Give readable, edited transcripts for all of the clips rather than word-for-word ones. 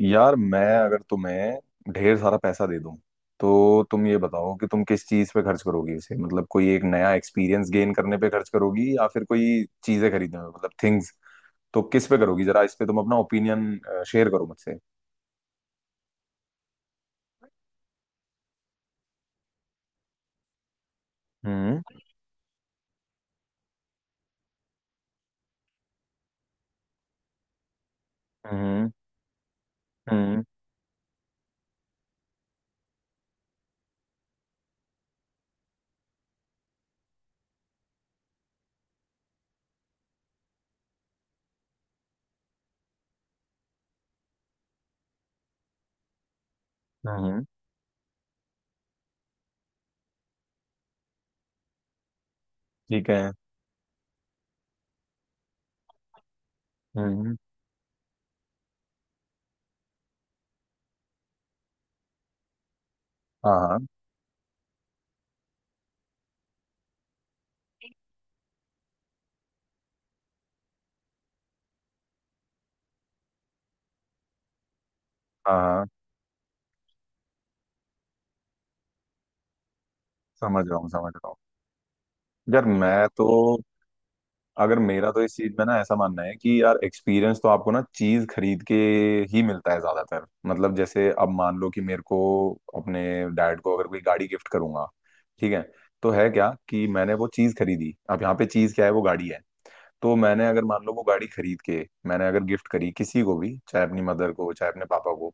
यार मैं अगर तुम्हें ढेर सारा पैसा दे दूं तो तुम ये बताओ कि तुम किस चीज पे खर्च करोगी उसे मतलब कोई एक नया एक्सपीरियंस गेन करने पे खर्च करोगी या फिर कोई चीजें खरीदने में मतलब थिंग्स, तो किस पे करोगी जरा इस पे तुम अपना ओपिनियन शेयर करो मुझसे। हम्म। हम्म। हम्म। हम्म। ठीक है। हम्म। हाँ हाँ। हाँ हाँ, समझ रहा हूँ समझ रहा हूँ। यार मैं तो अगर मेरा तो इस चीज में ना ऐसा मानना है कि यार एक्सपीरियंस तो आपको ना चीज खरीद के ही मिलता है ज्यादातर। मतलब जैसे अब मान लो कि मेरे को अपने डैड को अगर कोई गाड़ी गिफ्ट करूंगा, ठीक है, तो है क्या कि मैंने वो चीज खरीदी। अब यहाँ पे चीज क्या है, वो गाड़ी है। तो मैंने अगर मान लो वो गाड़ी खरीद के मैंने अगर गिफ्ट करी किसी को भी, चाहे अपनी मदर को चाहे अपने पापा को,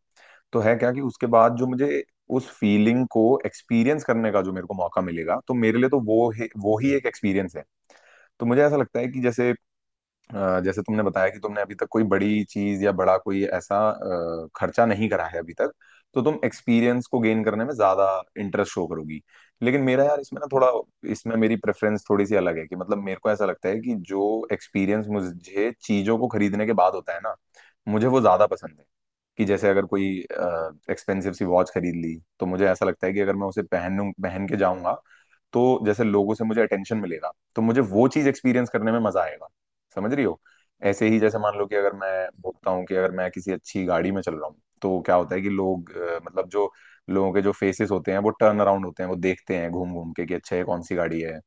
तो है क्या कि उसके बाद जो मुझे उस फीलिंग को एक्सपीरियंस करने का जो मेरे को मौका मिलेगा तो मेरे लिए तो वो ही एक एक्सपीरियंस है। तो मुझे ऐसा लगता है कि जैसे जैसे तुमने बताया कि तुमने अभी तक कोई बड़ी चीज या बड़ा कोई ऐसा खर्चा नहीं करा है अभी तक, तो तुम एक्सपीरियंस को गेन करने में ज्यादा इंटरेस्ट शो करोगी। लेकिन मेरा यार इसमें ना थोड़ा इसमें मेरी प्रेफरेंस थोड़ी सी अलग है कि मतलब मेरे को ऐसा लगता है कि जो एक्सपीरियंस मुझे चीजों को खरीदने के बाद होता है ना, मुझे वो ज्यादा पसंद है। कि जैसे अगर कोई एक्सपेंसिव सी वॉच खरीद ली तो मुझे ऐसा लगता है कि अगर मैं उसे पहन के जाऊंगा तो जैसे लोगों से मुझे अटेंशन मिलेगा, तो मुझे वो चीज एक्सपीरियंस करने में मजा आएगा। समझ रही हो। ऐसे ही जैसे मान लो कि अगर मैं बोलता हूँ कि अगर मैं किसी अच्छी गाड़ी में चल रहा हूँ तो क्या होता है कि लोग मतलब जो लोगों के जो फेसेस होते हैं वो टर्न अराउंड होते हैं, वो देखते हैं घूम घूम के कि अच्छा ये कौन सी गाड़ी है।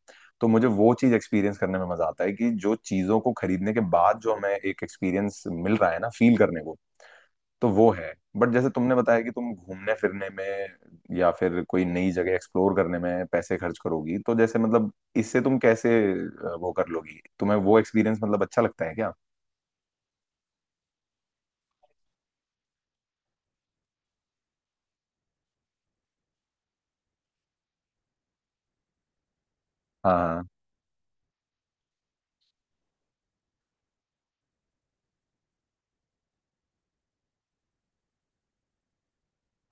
तो मुझे वो चीज एक्सपीरियंस करने में मजा आता है कि जो चीजों को खरीदने के बाद जो हमें एक एक्सपीरियंस मिल रहा है ना फील करने को। तो वो है, बट जैसे तुमने बताया कि तुम घूमने फिरने में या फिर कोई नई जगह एक्सप्लोर करने में पैसे खर्च करोगी, तो जैसे मतलब इससे तुम कैसे वो कर लोगी, तुम्हें वो एक्सपीरियंस मतलब अच्छा लगता है क्या? हाँ।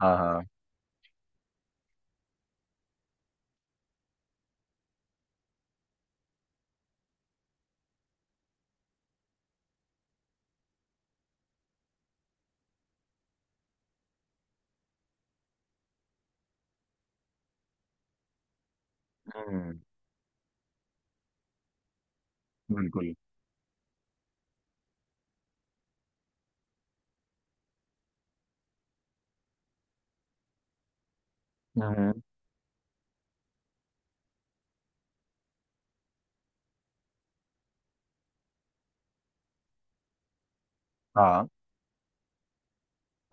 हाँ हाँ। हम्म। बिल्कुल। हम्म। हाँ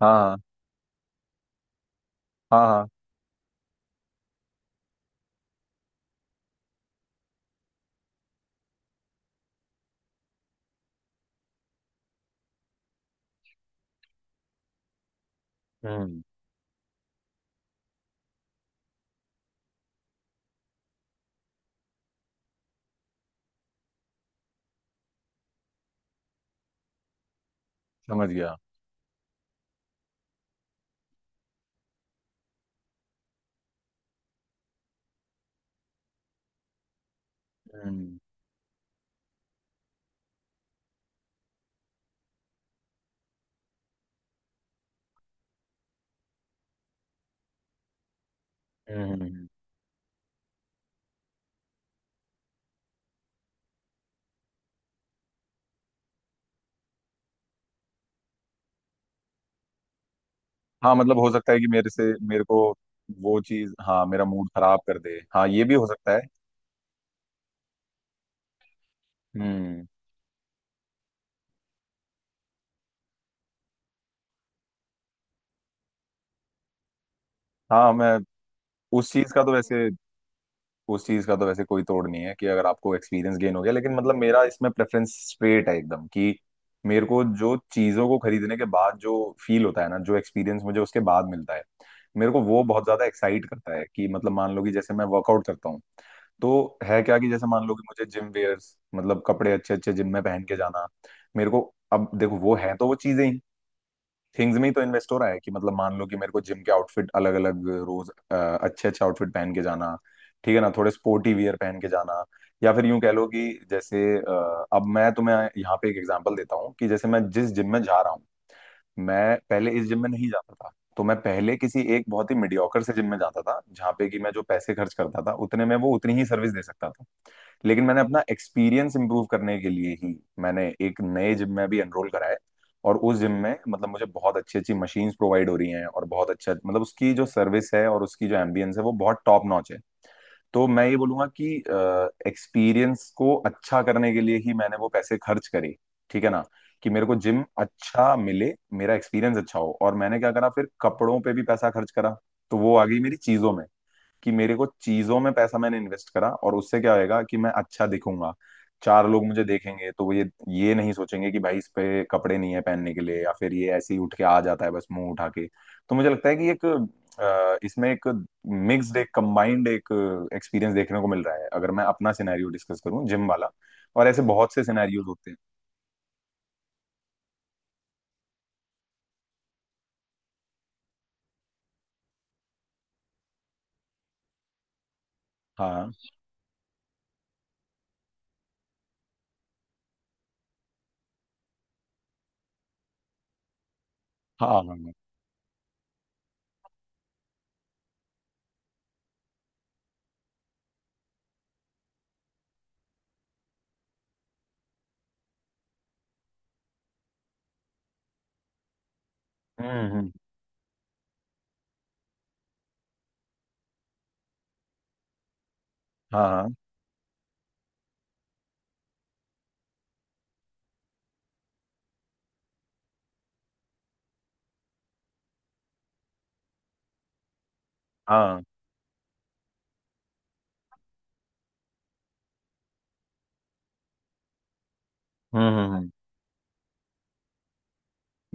हाँ। हाँ हाँ। हम्म। समझ गया। हम्म। हम्म। हाँ मतलब हो सकता है कि मेरे को वो चीज, हाँ, मेरा मूड खराब कर दे, हाँ ये भी हो सकता है। हम्म। हाँ। मैं उस चीज का तो वैसे उस चीज का तो वैसे कोई तोड़ नहीं है कि अगर आपको एक्सपीरियंस गेन हो गया, लेकिन मतलब मेरा इसमें प्रेफरेंस स्ट्रेट है एकदम कि मेरे को जो चीजों को खरीदने के बाद जो फील होता है ना, जो एक्सपीरियंस मुझे उसके बाद मिलता है, मेरे को वो बहुत ज्यादा एक्साइट करता है। कि मतलब मान लो कि जैसे मैं वर्कआउट करता हूँ, तो है क्या कि जैसे मान लो कि मुझे जिम वेयर्स मतलब कपड़े अच्छे अच्छे जिम में पहन के जाना मेरे को। अब देखो वो है तो वो चीजें ही, थिंग्स में ही तो इन्वेस्ट हो रहा है कि मतलब मान लो कि मेरे को जिम के आउटफिट अलग अलग रोज अच्छे अच्छे आउटफिट पहन के जाना। ठीक है ना, थोड़े स्पोर्टी वियर पहन के जाना। या फिर यूं कह लो कि जैसे अब मैं तुम्हें यहाँ पे एक एग्जांपल देता हूँ कि जैसे मैं जिस जिम में जा रहा हूँ, मैं पहले इस जिम में नहीं जाता था। तो मैं पहले किसी एक बहुत ही मीडियोकर से जिम में जाता था, जहाँ पे कि मैं जो पैसे खर्च करता था उतने में वो उतनी ही सर्विस दे सकता था। लेकिन मैंने अपना एक्सपीरियंस इंप्रूव करने के लिए ही मैंने एक नए जिम में भी एनरोल करा है। और उस जिम में मतलब मुझे बहुत अच्छी अच्छी मशीन्स प्रोवाइड हो रही हैं, और बहुत अच्छा मतलब उसकी जो सर्विस है और उसकी जो एम्बियंस है वो बहुत टॉप नॉच है। तो मैं ये बोलूंगा कि एक्सपीरियंस को अच्छा करने के लिए ही मैंने वो पैसे खर्च करे। ठीक है ना, कि मेरे को जिम अच्छा मिले, मेरा एक्सपीरियंस अच्छा हो, और मैंने क्या करा फिर कपड़ों पे भी पैसा खर्च करा। तो वो आ गई मेरी चीजों में कि मेरे को चीजों में पैसा मैंने इन्वेस्ट करा, और उससे क्या होएगा कि मैं अच्छा दिखूंगा। चार लोग मुझे देखेंगे तो वो ये नहीं सोचेंगे कि भाई इस पे कपड़े नहीं है पहनने के लिए, या फिर ये ऐसे ही उठ के आ जाता है बस मुंह उठा के। तो मुझे लगता है कि एक इसमें एक मिक्स्ड एक कंबाइंड एक एक्सपीरियंस देखने को मिल रहा है अगर मैं अपना सिनेरियो डिस्कस करूं जिम वाला। और ऐसे बहुत से सिनेरियोज होते हैं। हाँ हाँ। हाँ हाँ। हम्म। हम्म। हाँ हाँ। हाँ। हम्म। हम्म।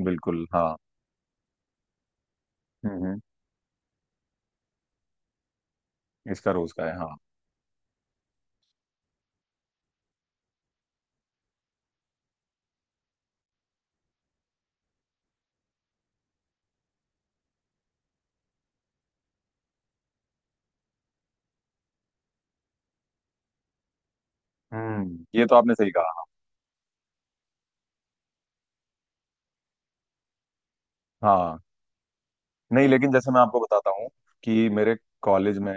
बिल्कुल हाँ। हम्म। हम्म। इसका रोज का है हाँ। हम्म। ये तो आपने सही कहा। हाँ, नहीं लेकिन जैसे मैं आपको बताता हूँ कि कॉलेज में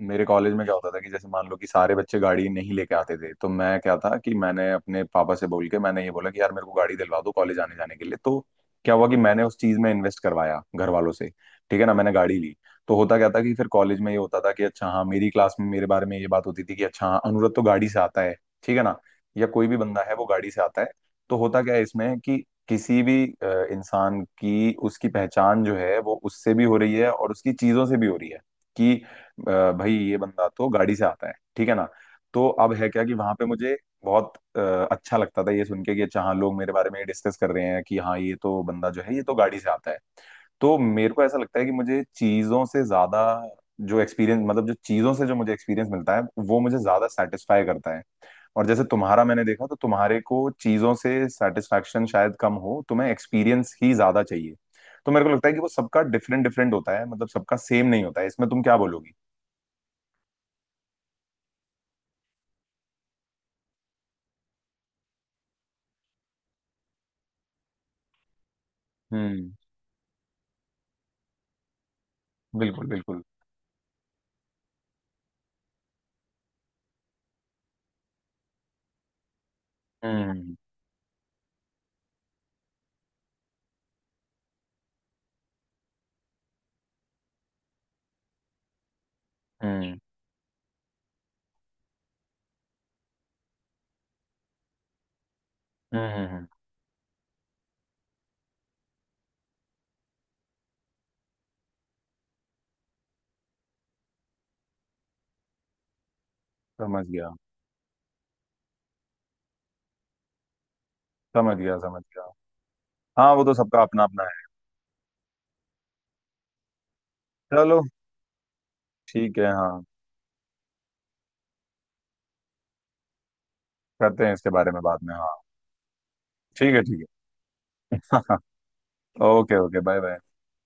मेरे कॉलेज में क्या होता था कि जैसे मान लो कि सारे बच्चे गाड़ी नहीं लेके आते थे, तो मैं क्या था कि मैंने अपने पापा से बोल के मैंने ये बोला कि यार मेरे को गाड़ी दिलवा दो कॉलेज आने जाने के लिए। तो क्या हुआ कि मैंने उस चीज में इन्वेस्ट करवाया घर वालों से। ठीक है ना, मैंने गाड़ी ली। तो होता क्या था कि फिर कॉलेज में ये होता था कि अच्छा हाँ मेरी क्लास में मेरे बारे में ये बात होती थी कि अच्छा हाँ, अनुरत तो गाड़ी से आता है। ठीक है ना। या कोई भी बंदा है वो गाड़ी से आता है। तो होता क्या है इसमें कि किसी भी इंसान की उसकी पहचान जो है वो उससे भी हो रही है और उसकी चीजों से भी हो रही है। कि भाई ये बंदा तो गाड़ी से आता है, ठीक है ना। तो अब है क्या कि वहां पे मुझे बहुत अच्छा लगता था ये सुन के कि अच्छा हाँ लोग मेरे बारे में डिस्कस कर रहे हैं कि हाँ ये तो बंदा जो है ये तो गाड़ी से आता है। तो मेरे को ऐसा लगता है कि मुझे चीजों से ज्यादा जो एक्सपीरियंस मतलब जो चीजों से जो मुझे एक्सपीरियंस मिलता है वो मुझे ज्यादा सेटिस्फाई करता है। और जैसे तुम्हारा मैंने देखा तो तुम्हारे को चीजों से सेटिस्फेक्शन शायद कम हो, तुम्हें एक्सपीरियंस ही ज्यादा चाहिए। तो मेरे को लगता है कि वो सबका डिफरेंट डिफरेंट होता है, मतलब सबका सेम नहीं होता है। इसमें तुम क्या बोलोगी? हम्म। बिल्कुल बिल्कुल। हम्म। हम्म। हम्म। समझ गया समझ गया समझ गया। हाँ, वो तो सबका अपना अपना है। चलो ठीक है हाँ। करते हैं इसके बारे में बाद में हाँ। ठीक है। ठीक है। Okay okay. Bye bye.